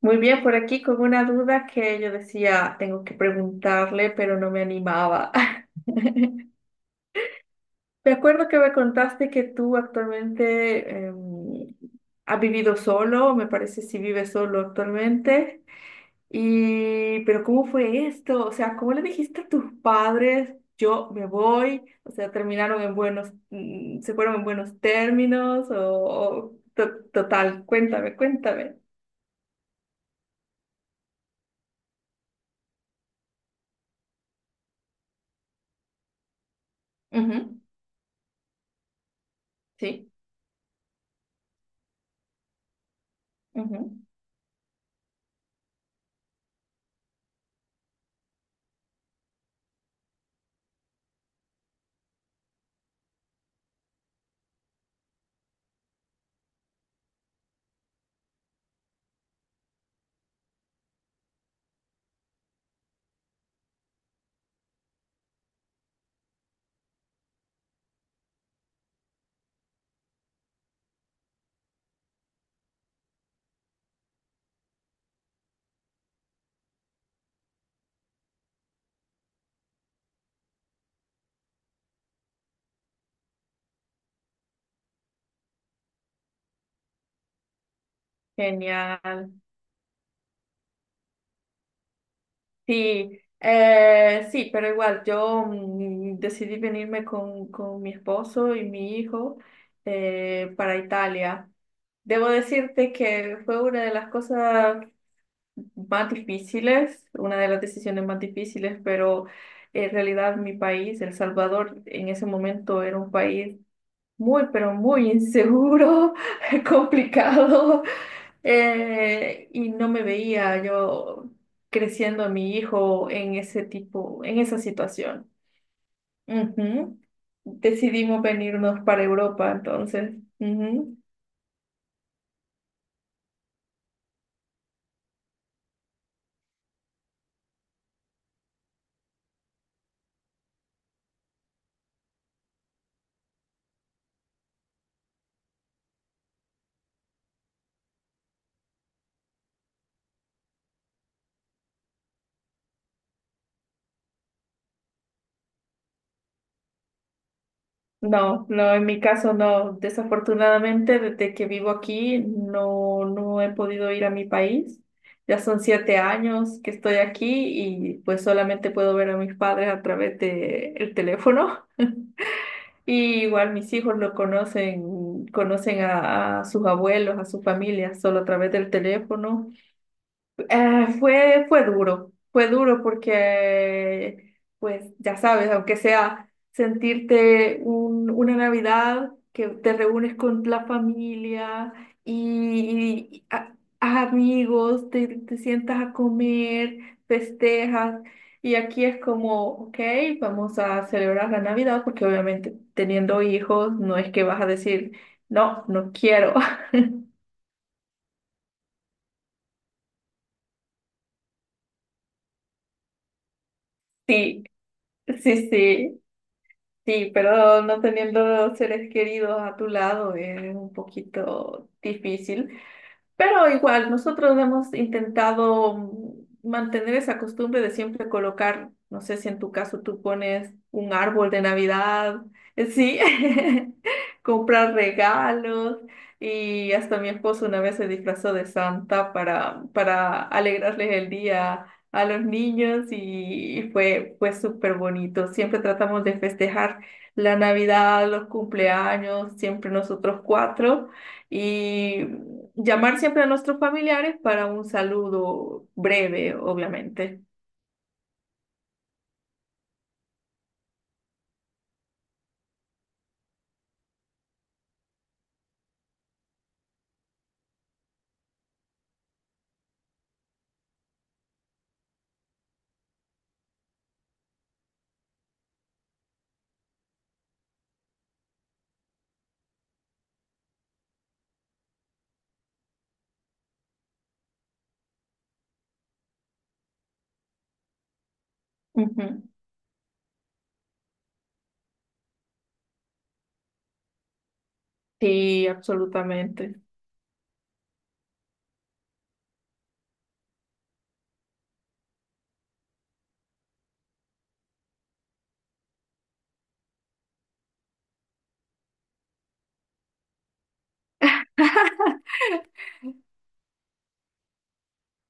Muy bien, por aquí con una duda que yo decía, tengo que preguntarle, pero no me animaba. Me acuerdo que me contaste que tú actualmente has vivido solo, me parece si vives solo actualmente. Y, pero ¿cómo fue esto? O sea, ¿cómo le dijiste a tus padres, yo me voy? O sea, terminaron en buenos, se fueron en buenos términos o total, cuéntame, cuéntame. Ujú. Sí. Ujú. Genial. Sí, sí, pero igual yo decidí venirme con mi esposo y mi hijo para Italia. Debo decirte que fue una de las cosas más difíciles, una de las decisiones más difíciles, pero en realidad mi país, El Salvador, en ese momento era un país muy, pero muy inseguro, complicado, y no me veía yo creciendo a mi hijo en ese tipo, en esa situación. Ujú. Decidimos venirnos para Europa, entonces. Ujú. No, no, en mi caso no. Desafortunadamente, desde que vivo aquí, no, no he podido ir a mi país. Ya son 7 años que estoy aquí y pues solamente puedo ver a mis padres a través de el teléfono. Y igual mis hijos lo conocen, conocen a sus abuelos, a su familia, solo a través del teléfono. Fue, fue duro porque, pues ya sabes, aunque sea sentirte una Navidad que te reúnes con la familia y a amigos, te sientas a comer, festejas, y aquí es como, ok, vamos a celebrar la Navidad porque obviamente teniendo hijos no es que vas a decir, no, no quiero. Sí, sí, sí. Sí, pero no teniendo seres queridos a tu lado es un poquito difícil. Pero igual, nosotros hemos intentado mantener esa costumbre de siempre colocar, no sé si en tu caso tú pones un árbol de Navidad, sí, comprar regalos y hasta mi esposo una vez se disfrazó de Santa para alegrarles el día a los niños y fue, fue súper bonito. Siempre tratamos de festejar la Navidad, los cumpleaños, siempre nosotros cuatro. Y llamar siempre a nuestros familiares para un saludo breve, obviamente. Ujú. Sí, absolutamente.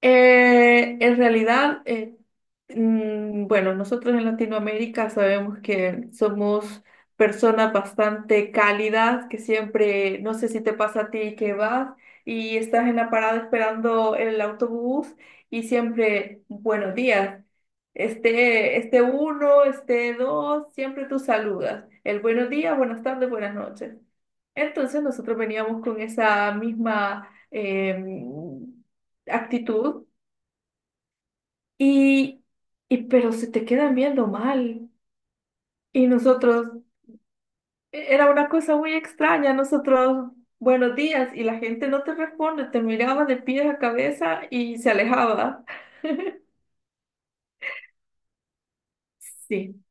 Eh, en realidad, eh, bueno, nosotros en Latinoamérica sabemos que somos personas bastante cálidas, que siempre, no sé si te pasa a ti que vas y estás en la parada esperando el autobús y siempre, buenos días. Este uno, este dos, siempre tú saludas. El buenos días, buenas tardes, buenas noches. Entonces nosotros veníamos con esa misma actitud y, y pero se te quedan viendo mal. Y nosotros, era una cosa muy extraña, nosotros, buenos días, y la gente no te responde, te miraba de pies a cabeza y se alejaba. Sí,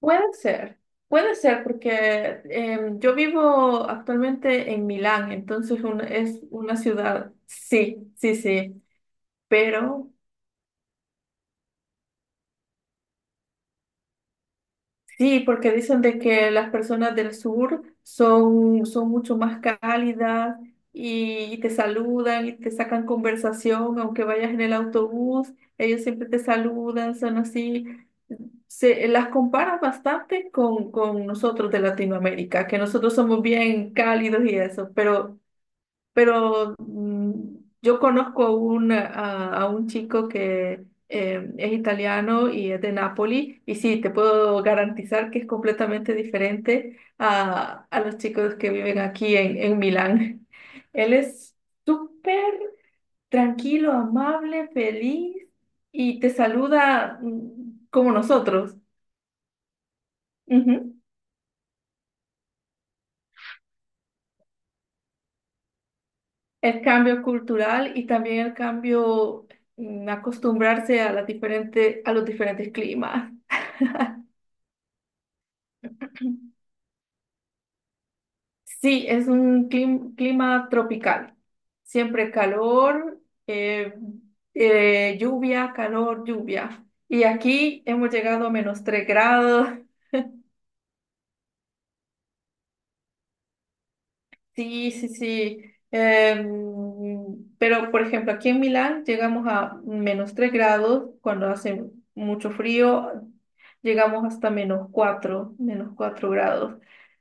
puede ser, puede ser, porque yo vivo actualmente en Milán, entonces es una ciudad, sí, sí, sí, pero… Sí, porque dicen de que las personas del sur son, son mucho más cálidas y te saludan y te sacan conversación, aunque vayas en el autobús, ellos siempre te saludan, son así. Se, las comparan bastante con nosotros de Latinoamérica, que nosotros somos bien cálidos y eso, pero yo conozco a un chico que es italiano y es de Nápoli, y sí, te puedo garantizar que es completamente diferente a los chicos que viven aquí en Milán. Él es súper tranquilo, amable, feliz y te saluda como nosotros. Ujú. El cambio cultural y también el cambio en acostumbrarse a las diferentes, a los diferentes climas. Sí, es un clima tropical. Siempre calor, eh, lluvia, calor, lluvia. Y aquí hemos llegado a -3 grados. Sí, sí, sí. Em, pero, por ejemplo, aquí en Milán llegamos a -3 grados cuando hace mucho frío, llegamos hasta -4, -4 grados.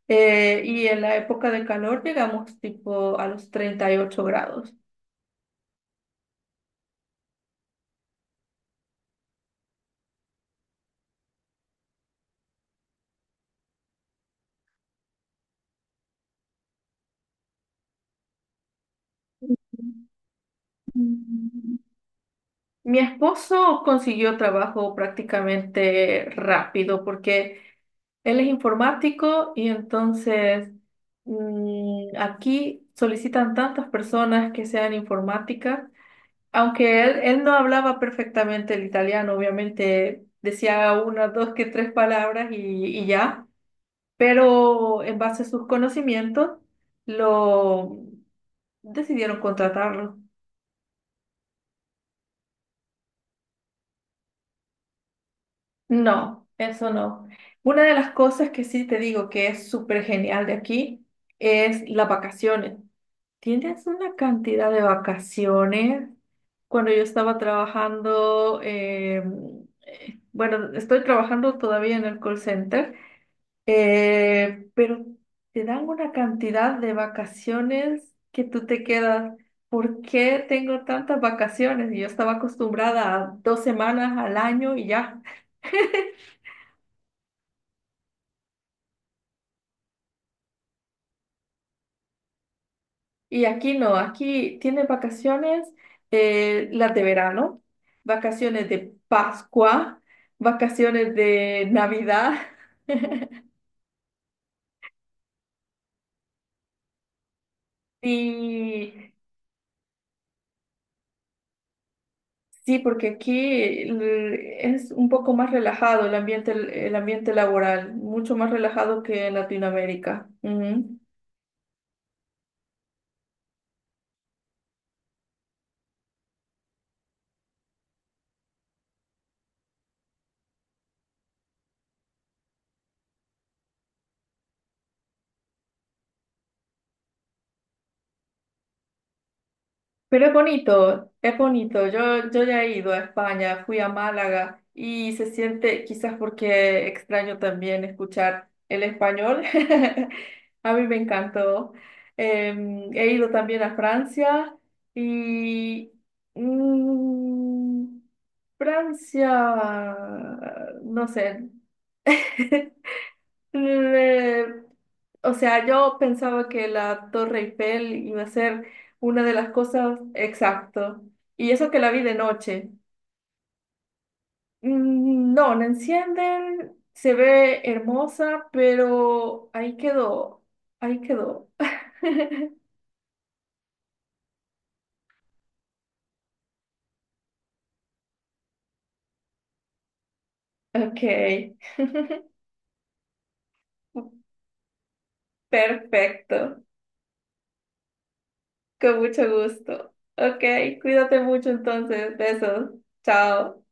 Y en la época de calor llegamos tipo a los 38 grados. Mi esposo consiguió trabajo prácticamente rápido porque él es informático y entonces aquí solicitan tantas personas que sean informáticas, aunque él no hablaba perfectamente el italiano, obviamente decía una, dos, que tres palabras y ya, pero en base a sus conocimientos lo decidieron contratarlo. No, eso no. Una de las cosas que sí te digo que es súper genial de aquí es las vacaciones. Tienes una cantidad de vacaciones. Cuando yo estaba trabajando, bueno, estoy trabajando todavía en el call center, pero te dan una cantidad de vacaciones que tú te quedas. ¿Por qué tengo tantas vacaciones? Y yo estaba acostumbrada a dos semanas al año y ya. Y aquí no, aquí tienen vacaciones, las de verano, vacaciones de Pascua, vacaciones de Navidad. Y sí, porque aquí es un poco más relajado el ambiente laboral, mucho más relajado que en Latinoamérica. Ujú. Pero es bonito, es bonito. Yo ya he ido a España, fui a Málaga y se siente, quizás porque extraño también escuchar el español. A mí me encantó. Em, he ido también a Francia y mm, Francia, no sé. Mm, Eh, o sea, yo pensaba que la Torre Eiffel iba a ser una de las cosas exacto. Y eso que la vi de noche. No, la encienden, se ve hermosa, pero ahí quedó, ahí quedó. Ok, perfecto, con mucho gusto. Ok, cuídate mucho entonces, besos, chao.